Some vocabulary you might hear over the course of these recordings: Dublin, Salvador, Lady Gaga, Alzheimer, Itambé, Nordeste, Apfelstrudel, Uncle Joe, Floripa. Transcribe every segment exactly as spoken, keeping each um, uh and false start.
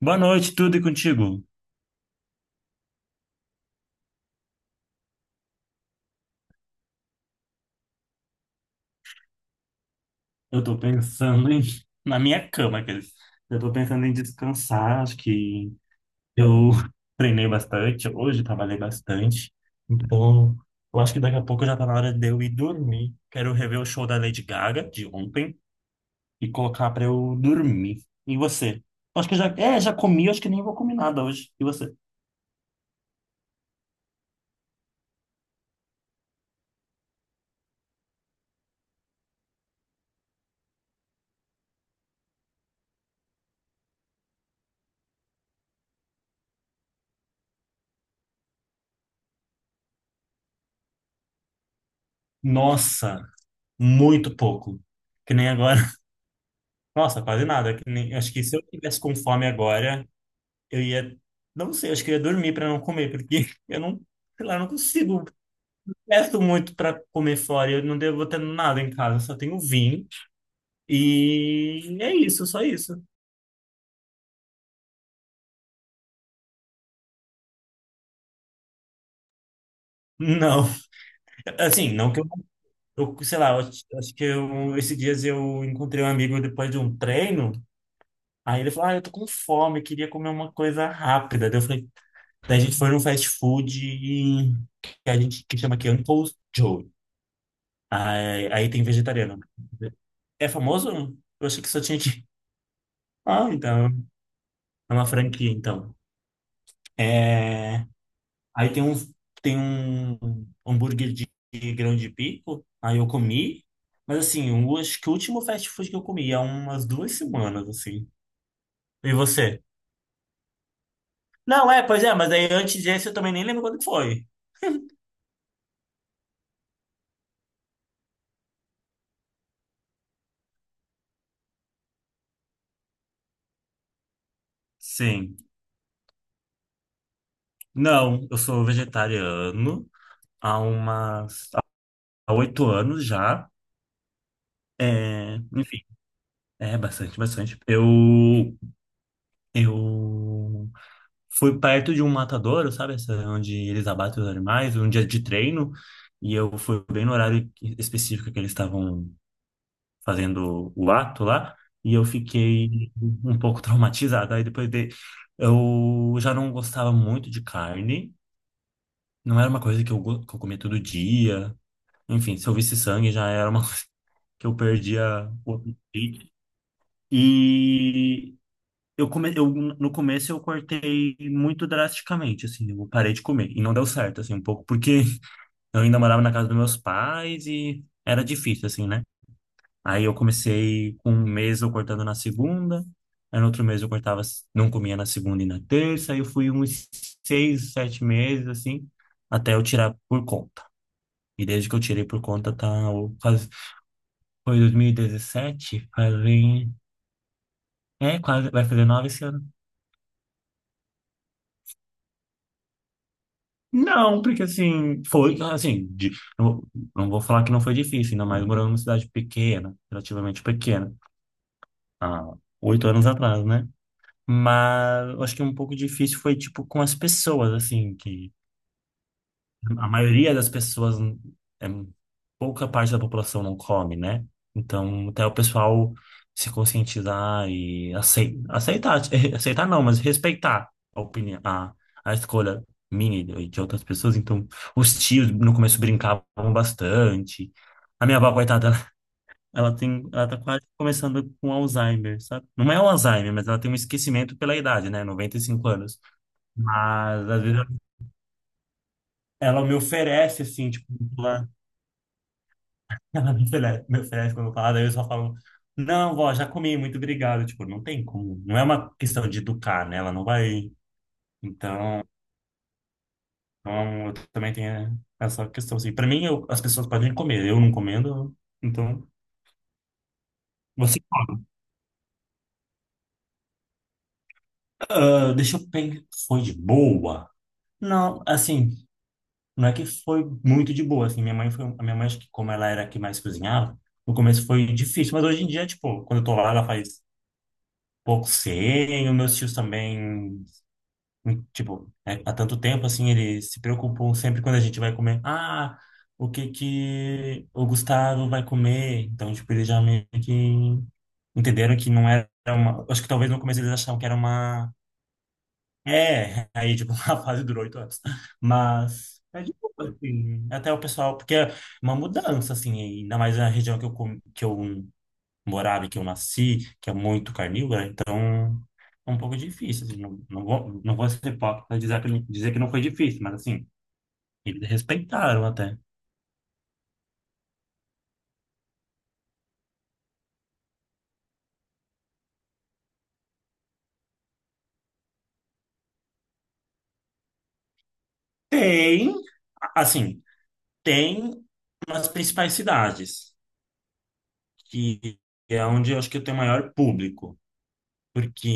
Boa noite, tudo e contigo? Eu tô pensando em... na minha cama, aqueles. Eu tô pensando em descansar, acho que eu treinei bastante, hoje trabalhei bastante, então eu acho que daqui a pouco já tá na hora de eu ir dormir. Quero rever o show da Lady Gaga de ontem e colocar pra eu dormir. E você? Acho que já, é, já comi, acho que nem vou comer nada hoje. E você? Nossa, muito pouco. Que nem agora. Nossa, quase nada. Que nem... Acho que se eu tivesse com fome agora eu ia, não sei, acho que eu ia dormir para não comer, porque eu não, sei lá, eu não consigo, peço muito para comer fora, eu não devo ter nada em casa, eu só tenho vinho e é isso, só isso. Não, assim, não que eu, eu sei lá, eu acho acho que eu, esses dias eu encontrei um amigo depois de um treino, aí ele falou, ah, eu tô com fome, queria comer uma coisa rápida. Daí eu falei, daí a gente foi num fast food e- que a gente que chama aqui Uncle Joe. Aí, aí tem vegetariano. Né? É famoso? Eu achei que só tinha aqui. Ah, então. É uma franquia, então. É... Aí tem um, tem um hambúrguer de de grão de bico. Aí eu comi. Mas assim, eu acho que o último fast food que eu comi há umas duas semanas, assim. E você? Não, é, pois é, mas aí antes desse eu também nem lembro quando foi. Sim. Não, eu sou vegetariano há umas... há oito anos já. É... Enfim, é bastante, bastante. Eu... Eu fui perto de um matadouro, sabe? Essa, onde eles abatem os animais, um dia de treino, e eu fui bem no horário específico que eles estavam fazendo o ato lá, e eu fiquei um pouco traumatizado. Aí depois de... eu já não gostava muito de carne, não era uma coisa que eu, go- que eu comia todo dia. Enfim, se eu visse sangue já era uma coisa que eu perdia o apetite. E eu, come... eu no começo eu cortei muito drasticamente, assim, eu parei de comer e não deu certo, assim, um pouco, porque eu ainda morava na casa dos meus pais e era difícil, assim, né? Aí eu comecei com um mês eu cortando na segunda, aí no outro mês eu cortava, não comia na segunda e na terça, aí eu fui uns seis, sete meses, assim, até eu tirar por conta. E desde que eu tirei por conta, tá, o- quase, foi dois mil e dezessete, fazem, é, quase, vai fazer nove anos. Não, porque assim, foi assim, de- não, vou não vou falar que não foi difícil, ainda mais morando numa cidade pequena, relativamente pequena, há oito anos atrás, né? Mas eu acho que um pouco difícil foi, tipo, com as pessoas, assim, que a maioria das pessoas, é, pouca parte da população não come, né? Então, até o pessoal se conscientizar e acei- aceitar, aceitar não, mas respeitar a opinião, a, a escolha minha e de outras pessoas. Então, os tios no começo brincavam bastante. A minha avó, coitada, ela, ela tem, ela tá quase começando com Alzheimer, sabe? Não é o Alzheimer, mas ela tem um esquecimento pela idade, né? noventa e cinco anos. Mas, às vezes, ela me oferece, assim, tipo, um. Ela me oferece, me oferece quando eu falo, daí eu só falo, não, vó, já comi, muito obrigado. Tipo, não tem como, não é uma questão de educar, né? Ela não vai. Então, então eu também tenho essa questão, assim. Pra mim, eu- as pessoas podem comer, eu não comendo, então. Você, come. Ah, deixa eu pensar, foi de boa? Não, assim, não é que foi muito de boa, assim, minha mãe foi, a minha mãe, acho que como ela era a que mais cozinhava, no começo foi difícil, mas hoje em dia, tipo, quando eu tô lá, ela faz pouco sem, os meus tios também. Hum, Tipo, é, há tanto tempo, assim, eles se preocupam sempre quando a gente vai comer. Ah, o que que o Gustavo vai comer? Então, tipo, eles já meio que entenderam que não era uma... Acho que talvez no começo eles achavam que era uma... É, aí, tipo, a fase durou oito anos. Mas, é de boa, assim, até o pessoal... Porque é uma mudança, assim, ainda mais na região que eu, com- que eu morada que eu nasci, que é muito carnívora, então é um pouco difícil, assim, não, não vou, não vou ser hipócrita e dizer que, dizer que não foi difícil, mas assim, eles respeitaram até. Tem, assim, tem nas principais cidades, que é onde eu acho que eu tenho maior público, porque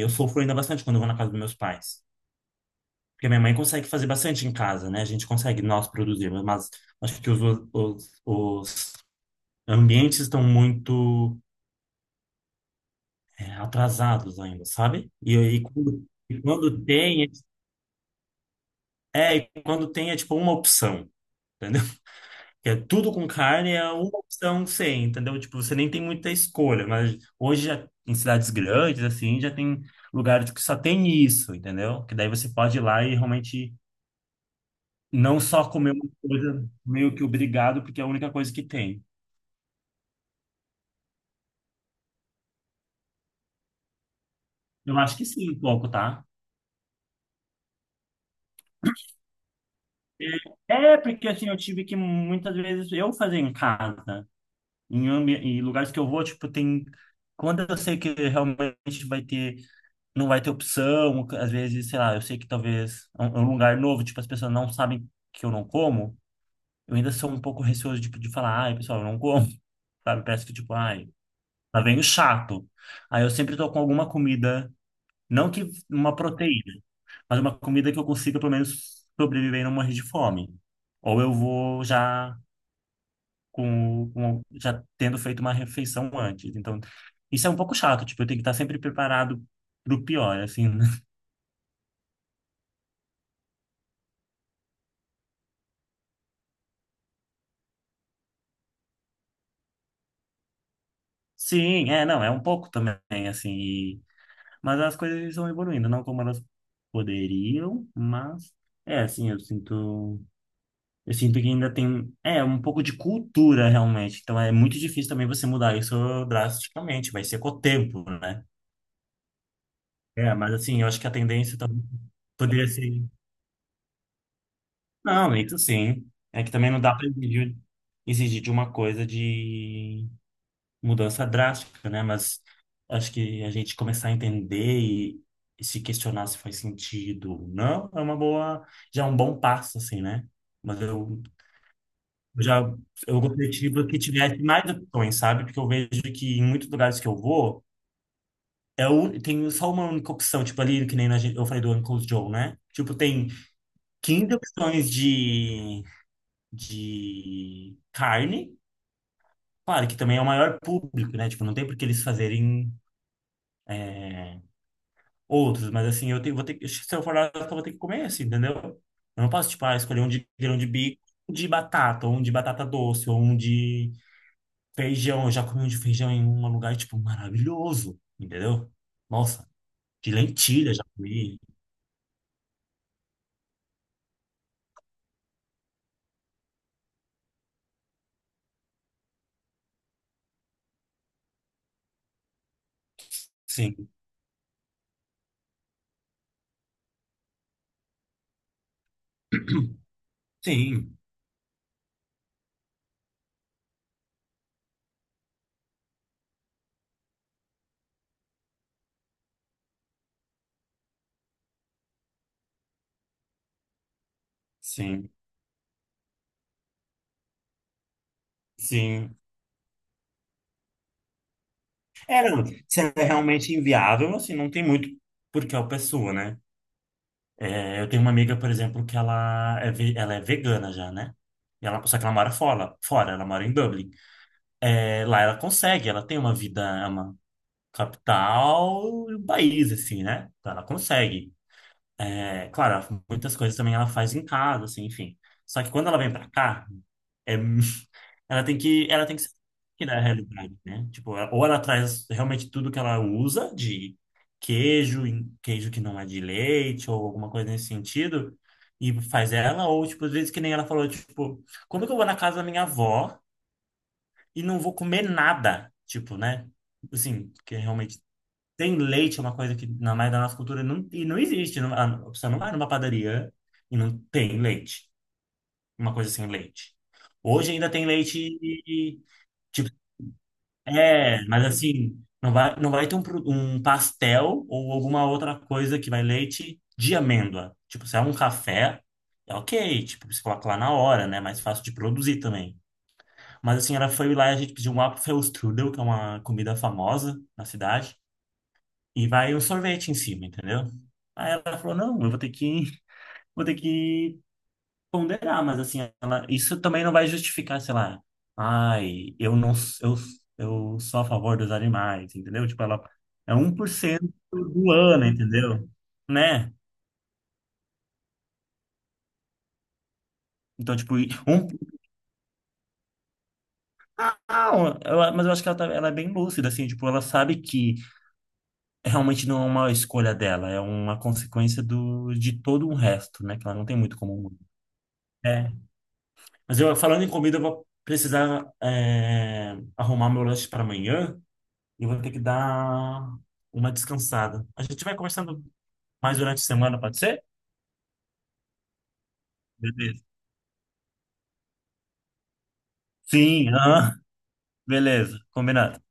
eu sofro ainda bastante quando eu vou na casa dos meus pais. Porque a minha mãe consegue fazer bastante em casa, né? A gente consegue nós produzir, mas acho que os, os, os ambientes estão muito é, atrasados ainda, sabe? E, e quando, e quando tem, é, e quando tem é tipo uma opção, entendeu? Que é tudo com carne, é uma opção sem, entendeu? Tipo, você nem tem muita escolha, mas hoje já, em cidades grandes, assim, já tem lugares que só tem isso, entendeu? Que daí você pode ir lá e realmente não só comer uma coisa meio que obrigado, porque é a única coisa que tem. Eu acho que sim, um pouco, tá? É, porque assim, eu tive que muitas vezes eu fazer em casa. Em, ambi- em lugares que eu vou, tipo, tem. Quando eu sei que realmente vai ter. Não vai ter opção, às vezes, sei lá, eu sei que talvez é um é um lugar novo, tipo, as pessoas não sabem que eu não como, eu ainda sou um pouco receoso, tipo, de falar, ai, pessoal, eu não como, sabe? Parece que, tipo, ai, lá vem o chato. Aí eu sempre tô com alguma comida, não que uma proteína, mas uma comida que eu consiga, pelo menos, sobreviver e não morrer de fome. Ou eu vou já com, com- já tendo feito uma refeição antes. Então, isso é um pouco chato, tipo, eu tenho que estar sempre preparado pro pior, assim. Né? Sim, é, não, é um pouco também, assim. E- mas as coisas estão evoluindo, não como elas poderiam, mas é assim, eu sinto, eu sinto que ainda tem, é, um pouco de cultura realmente. Então é muito difícil também você mudar isso drasticamente, vai ser com o tempo, né? É, mas assim, eu acho que a tendência também poderia ser. Não, isso sim. É que também não dá para exigir, exigir de uma coisa de mudança drástica, né? Mas acho que a gente começar a entender e, e se questionar se faz sentido ou não, é uma boa, já é um bom passo, assim, né? Mas eu, eu já, eu gostaria de livro que tivesse mais opções, sabe? Porque eu vejo que em muitos lugares que eu vou, é o, tem só uma única opção, tipo ali, que nem na, gen- eu falei do Uncle Joe, né? Tipo, tem quinze opções de de carne. Claro que também é o maior público, né? Tipo, não tem por que eles fazerem é, outros, mas assim, eu tenho, vou ter que, se eu for lá, eu vou ter que comer assim, entendeu? Eu não posso, tipo, ah, escolher um de grão de bico, um de batata, ou um de batata doce, ou um de feijão. Eu já comi um de feijão em um lugar, tipo, maravilhoso, entendeu? Nossa, de lentilha já comi. Sim, sim, sim, sim. É, não, se é realmente inviável, assim, não tem muito por que a pessoa, né? É, eu tenho uma amiga, por exemplo, que ela é, ve- ela é vegana já, né? E ela, só que ela mora fora, fora, ela mora em Dublin. É, lá ela consegue, ela tem uma vida, é uma capital do país, assim, né? Então ela consegue. É, claro, muitas coisas também ela faz em casa, assim, enfim. Só que quando ela vem pra cá, é ela tem que, ela tem que sair da realidade, né? Tipo, ela- ou ela traz realmente tudo que ela usa de queijo, em- queijo que não é de leite ou alguma coisa nesse sentido, e faz ela, ou tipo, às vezes que nem ela falou, tipo, como que eu vou na casa da minha avó e não vou comer nada? Tipo, né? Assim, que realmente tem leite, é uma coisa que na maioria da nossa cultura não, e não existe. Não, a pessoa não vai numa padaria e não tem leite, uma coisa sem leite. Hoje ainda tem leite tipo, é, mas assim, não vai, não vai ter um, pro- um pastel ou alguma outra coisa que vai leite de amêndoa. Tipo, se é um café, é ok, tipo, você coloca lá na hora, né? Mais fácil de produzir também. Mas assim, ela foi lá e a gente pediu um Apfelstrudel, que é uma comida famosa na cidade, e vai um sorvete em cima, entendeu? Aí ela falou, não, eu vou ter que, vou ter que ponderar, mas assim, ela- isso também não vai justificar, sei lá, ai, eu não, s- eu, s- eu sou a favor dos animais, entendeu? Tipo, ela é um por cento do ano, entendeu? Né? Então, tipo, e- um, não, ela- mas eu acho que ela, tá- ela é bem lúcida, assim, tipo, ela sabe que realmente não é uma escolha dela, é uma consequência do, de todo o resto, né? Que ela não tem muito como. É. Mas eu, falando em comida, eu vou precisar, é, arrumar meu lanche para amanhã. Eu vou ter que dar uma descansada. A gente vai conversando mais durante a semana, pode ser? Beleza. Sim, aham, beleza, combinado.